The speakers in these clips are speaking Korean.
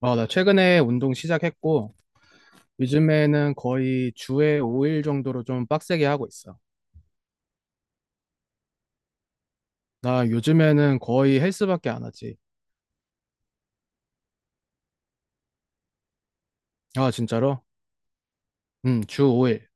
어, 나 최근에 운동 시작했고, 요즘에는 거의 주에 5일 정도로 좀 빡세게 하고 있어. 나 요즘에는 거의 헬스밖에 안 하지. 아, 진짜로? 응, 주 5일.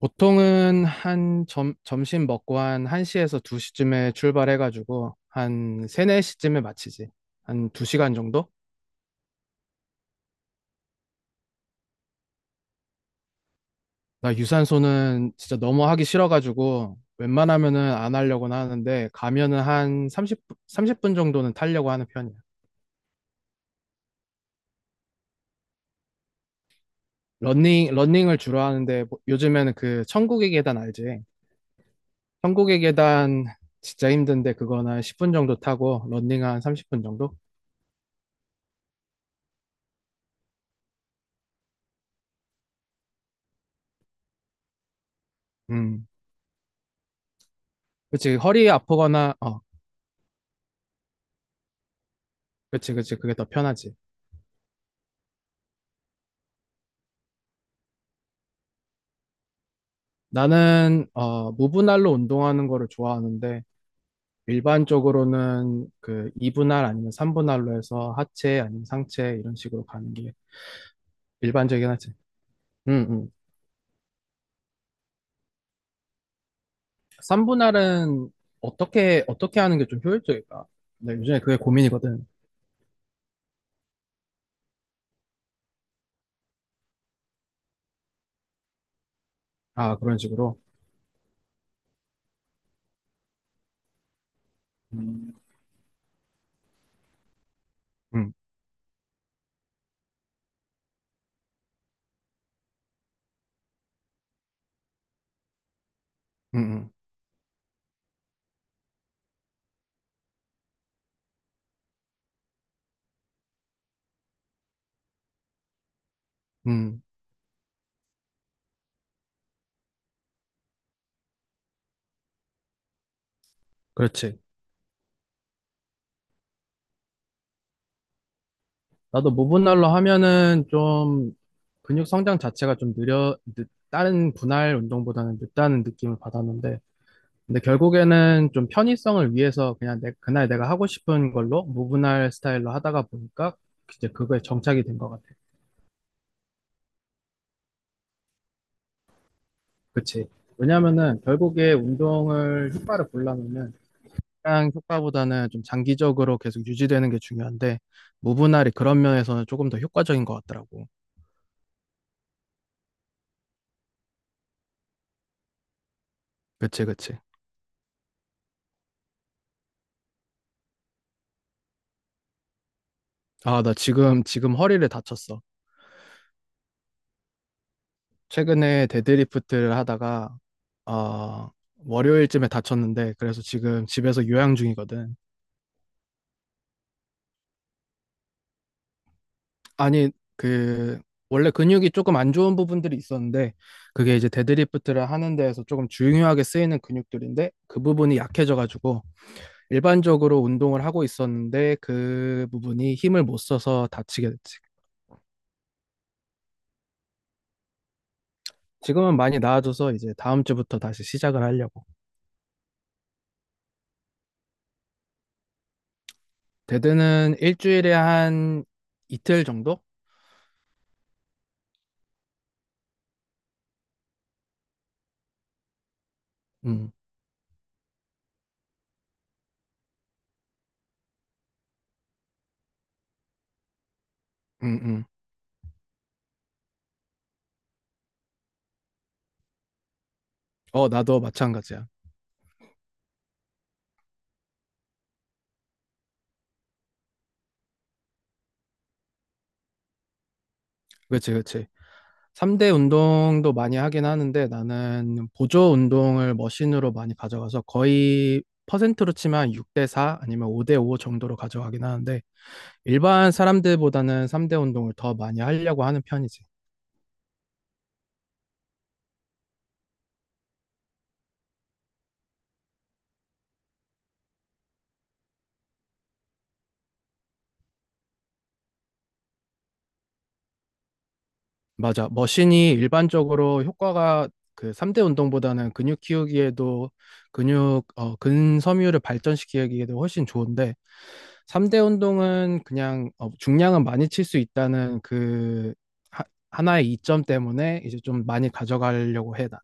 보통은 한 점심 먹고 한 1시에서 2시쯤에 출발해가지고, 한 3, 4시쯤에 마치지. 한 2시간 정도? 나 유산소는 진짜 너무 하기 싫어가지고, 웬만하면은 안 하려고는 하는데, 가면은 한 30분 정도는 타려고 하는 편이야. 러닝을 주로 하는데 요즘에는 그 천국의 계단 알지? 천국의 계단 진짜 힘든데 그거는 한 10분 정도 타고 러닝 한 30분 정도? 음. 그치. 허리 아프거나, 그치, 그치. 그게 더 편하지. 나는, 무분할로 운동하는 거를 좋아하는데 일반적으로는 그 2분할 아니면 3분할로 해서 하체 아니면 상체 이런 식으로 가는 게 일반적이긴 하지. 음, 음. 3분할은 어떻게 하는 게 좀 효율적일까? 네, 요즘에 그게 고민이거든. 아, 그런 식으로. 음, 음, 음, 음, 음. 그렇지. 나도 무분할로 하면은 좀 근육 성장 자체가 좀 다른 분할 운동보다는 늦다는 느낌을 받았는데, 근데 결국에는 좀 편의성을 위해서 그냥 그날 내가 하고 싶은 걸로 무분할 스타일로 하다가 보니까 이제 그거에 정착이 된 것 같아. 그치. 왜냐면은 결국에 운동을 효과를 보려면은 시장 효과보다는 좀 장기적으로 계속 유지되는 게 중요한데 무분할이 그런 면에서는 조금 더 효과적인 것 같더라고. 그치, 그치. 아, 나 지금 허리를 다쳤어. 최근에 데드리프트를 하다가 어, 월요일쯤에 다쳤는데 그래서 지금 집에서 요양 중이거든. 아니, 그 원래 근육이 조금 안 좋은 부분들이 있었는데 그게 이제 데드리프트를 하는 데에서 조금 중요하게 쓰이는 근육들인데 그 부분이 약해져가지고 일반적으로 운동을 하고 있었는데 그 부분이 힘을 못 써서 다치게 됐지. 지금은 많이 나아져서 이제 다음 주부터 다시 시작을 하려고. 데드는 일주일에 한 이틀 정도? 음, 음, 음. 어, 나도 마찬가지야. 그치, 그치. 3대 운동도 많이 하긴 하는데 나는 보조 운동을 머신으로 많이 가져가서 거의 퍼센트로 치면 6대 4 아니면 5대 5 정도로 가져가긴 하는데 일반 사람들보다는 3대 운동을 더 많이 하려고 하는 편이지. 맞아. 머신이 일반적으로 효과가 그 3대 운동보다는 근육 키우기에도 근섬유를 발전시키기에도 훨씬 좋은데, 3대 운동은 그냥 중량은 많이 칠 수 있다는 그 하, 하나의 이점 때문에 이제 좀 많이 가져가려고 해, 나.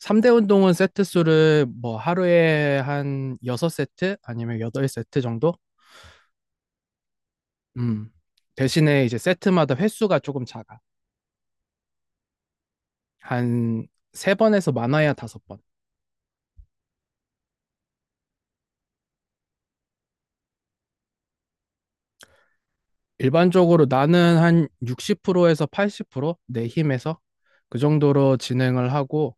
3대 운동은 세트 수를 뭐 하루에 한 6세트 아니면 8세트 정도? 음. 대신에 이제 세트마다 횟수가 조금 작아. 한 세번에서 많아야 다섯 번. 일반적으로 나는 한 60%에서 80%내 힘에서 그 정도로 진행을 하고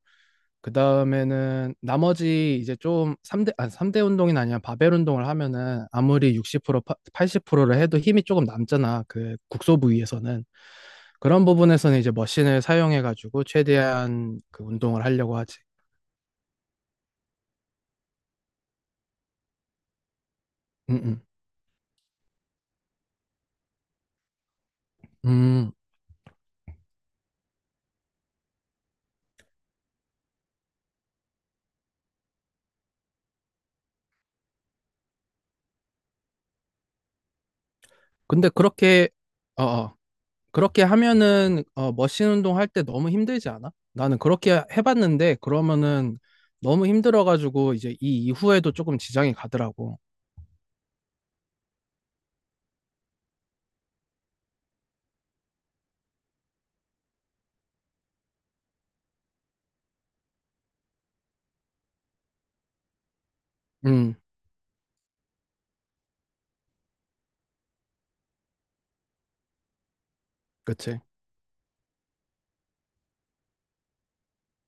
그 다음에는 나머지 이제 좀 3대 아 삼대 운동이 아니라 바벨 운동을 하면은 아무리 60% 80%를 해도 힘이 조금 남잖아. 그 국소 부위에서는 그런 부분에서는 이제 머신을 사용해 가지고 최대한 그 운동을 하려고 하지. 음, 음. 음. 근데 그렇게 어어 그렇게 하면은 머신 운동 할 때 너무 힘들지 않아? 나는 그렇게 해봤는데 그러면은 너무 힘들어가지고 이제 이 이후에도 조금 지장이 가더라고. 음, 그치.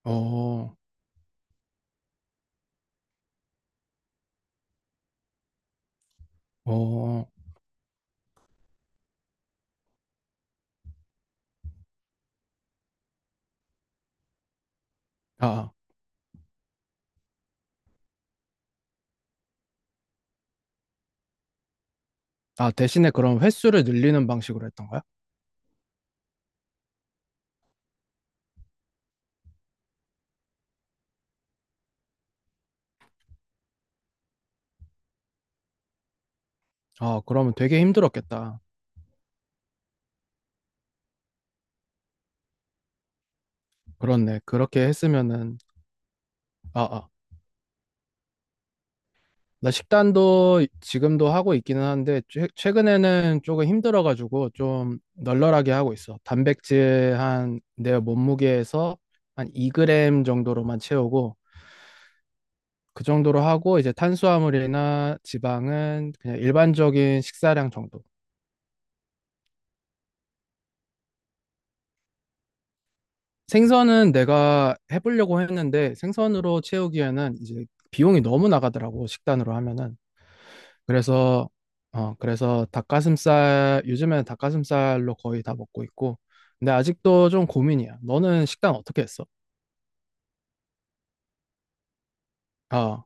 어, 어, 아, 아. 대신에 그럼 횟수를 늘리는 방식으로 했던 거야? 아, 그러면 되게 힘들었겠다. 그렇네. 그렇게 했으면은. 아, 아, 나 식단도 지금도 하고 있기는 한데 최근에는 조금 힘들어가지고 좀 널널하게 하고 있어. 단백질 한 내 몸무게에서 한 2g 정도로만 채우고 그 정도로 하고 이제 탄수화물이나 지방은 그냥 일반적인 식사량 정도. 생선은 내가 해보려고 했는데 생선으로 채우기에는 이제 비용이 너무 나가더라고 식단으로 하면은. 그래서 그래서 닭가슴살 요즘에는 닭가슴살로 거의 다 먹고 있고 근데 아직도 좀 고민이야. 너는 식단 어떻게 했어? 아,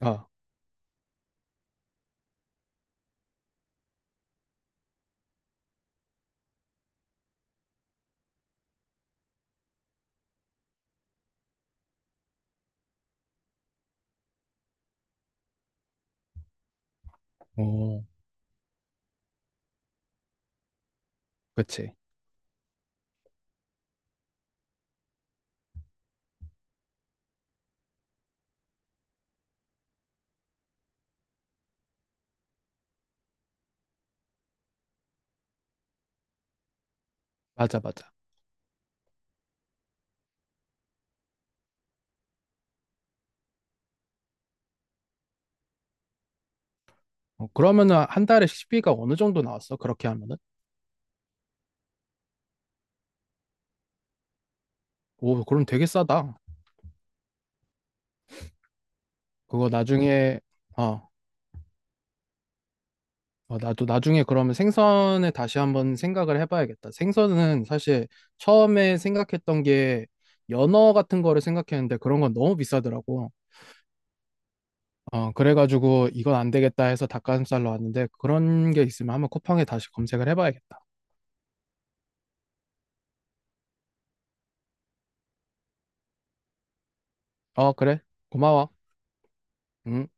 아, 오, 그치. 맞아, 맞아. 어, 그러면은 한 달에 식비가 어느 정도 나왔어? 그렇게 하면은? 오, 그럼 되게 싸다. 그거 나중에 어, 어, 나도 나중에 그러면 생선에 다시 한번 생각을 해봐야겠다. 생선은 사실 처음에 생각했던 게 연어 같은 거를 생각했는데 그런 건 너무 비싸더라고. 어, 그래가지고 이건 안 되겠다 해서 닭가슴살로 왔는데 그런 게 있으면 한번 쿠팡에 다시 검색을 해봐야겠다. 어, 그래. 고마워. 음.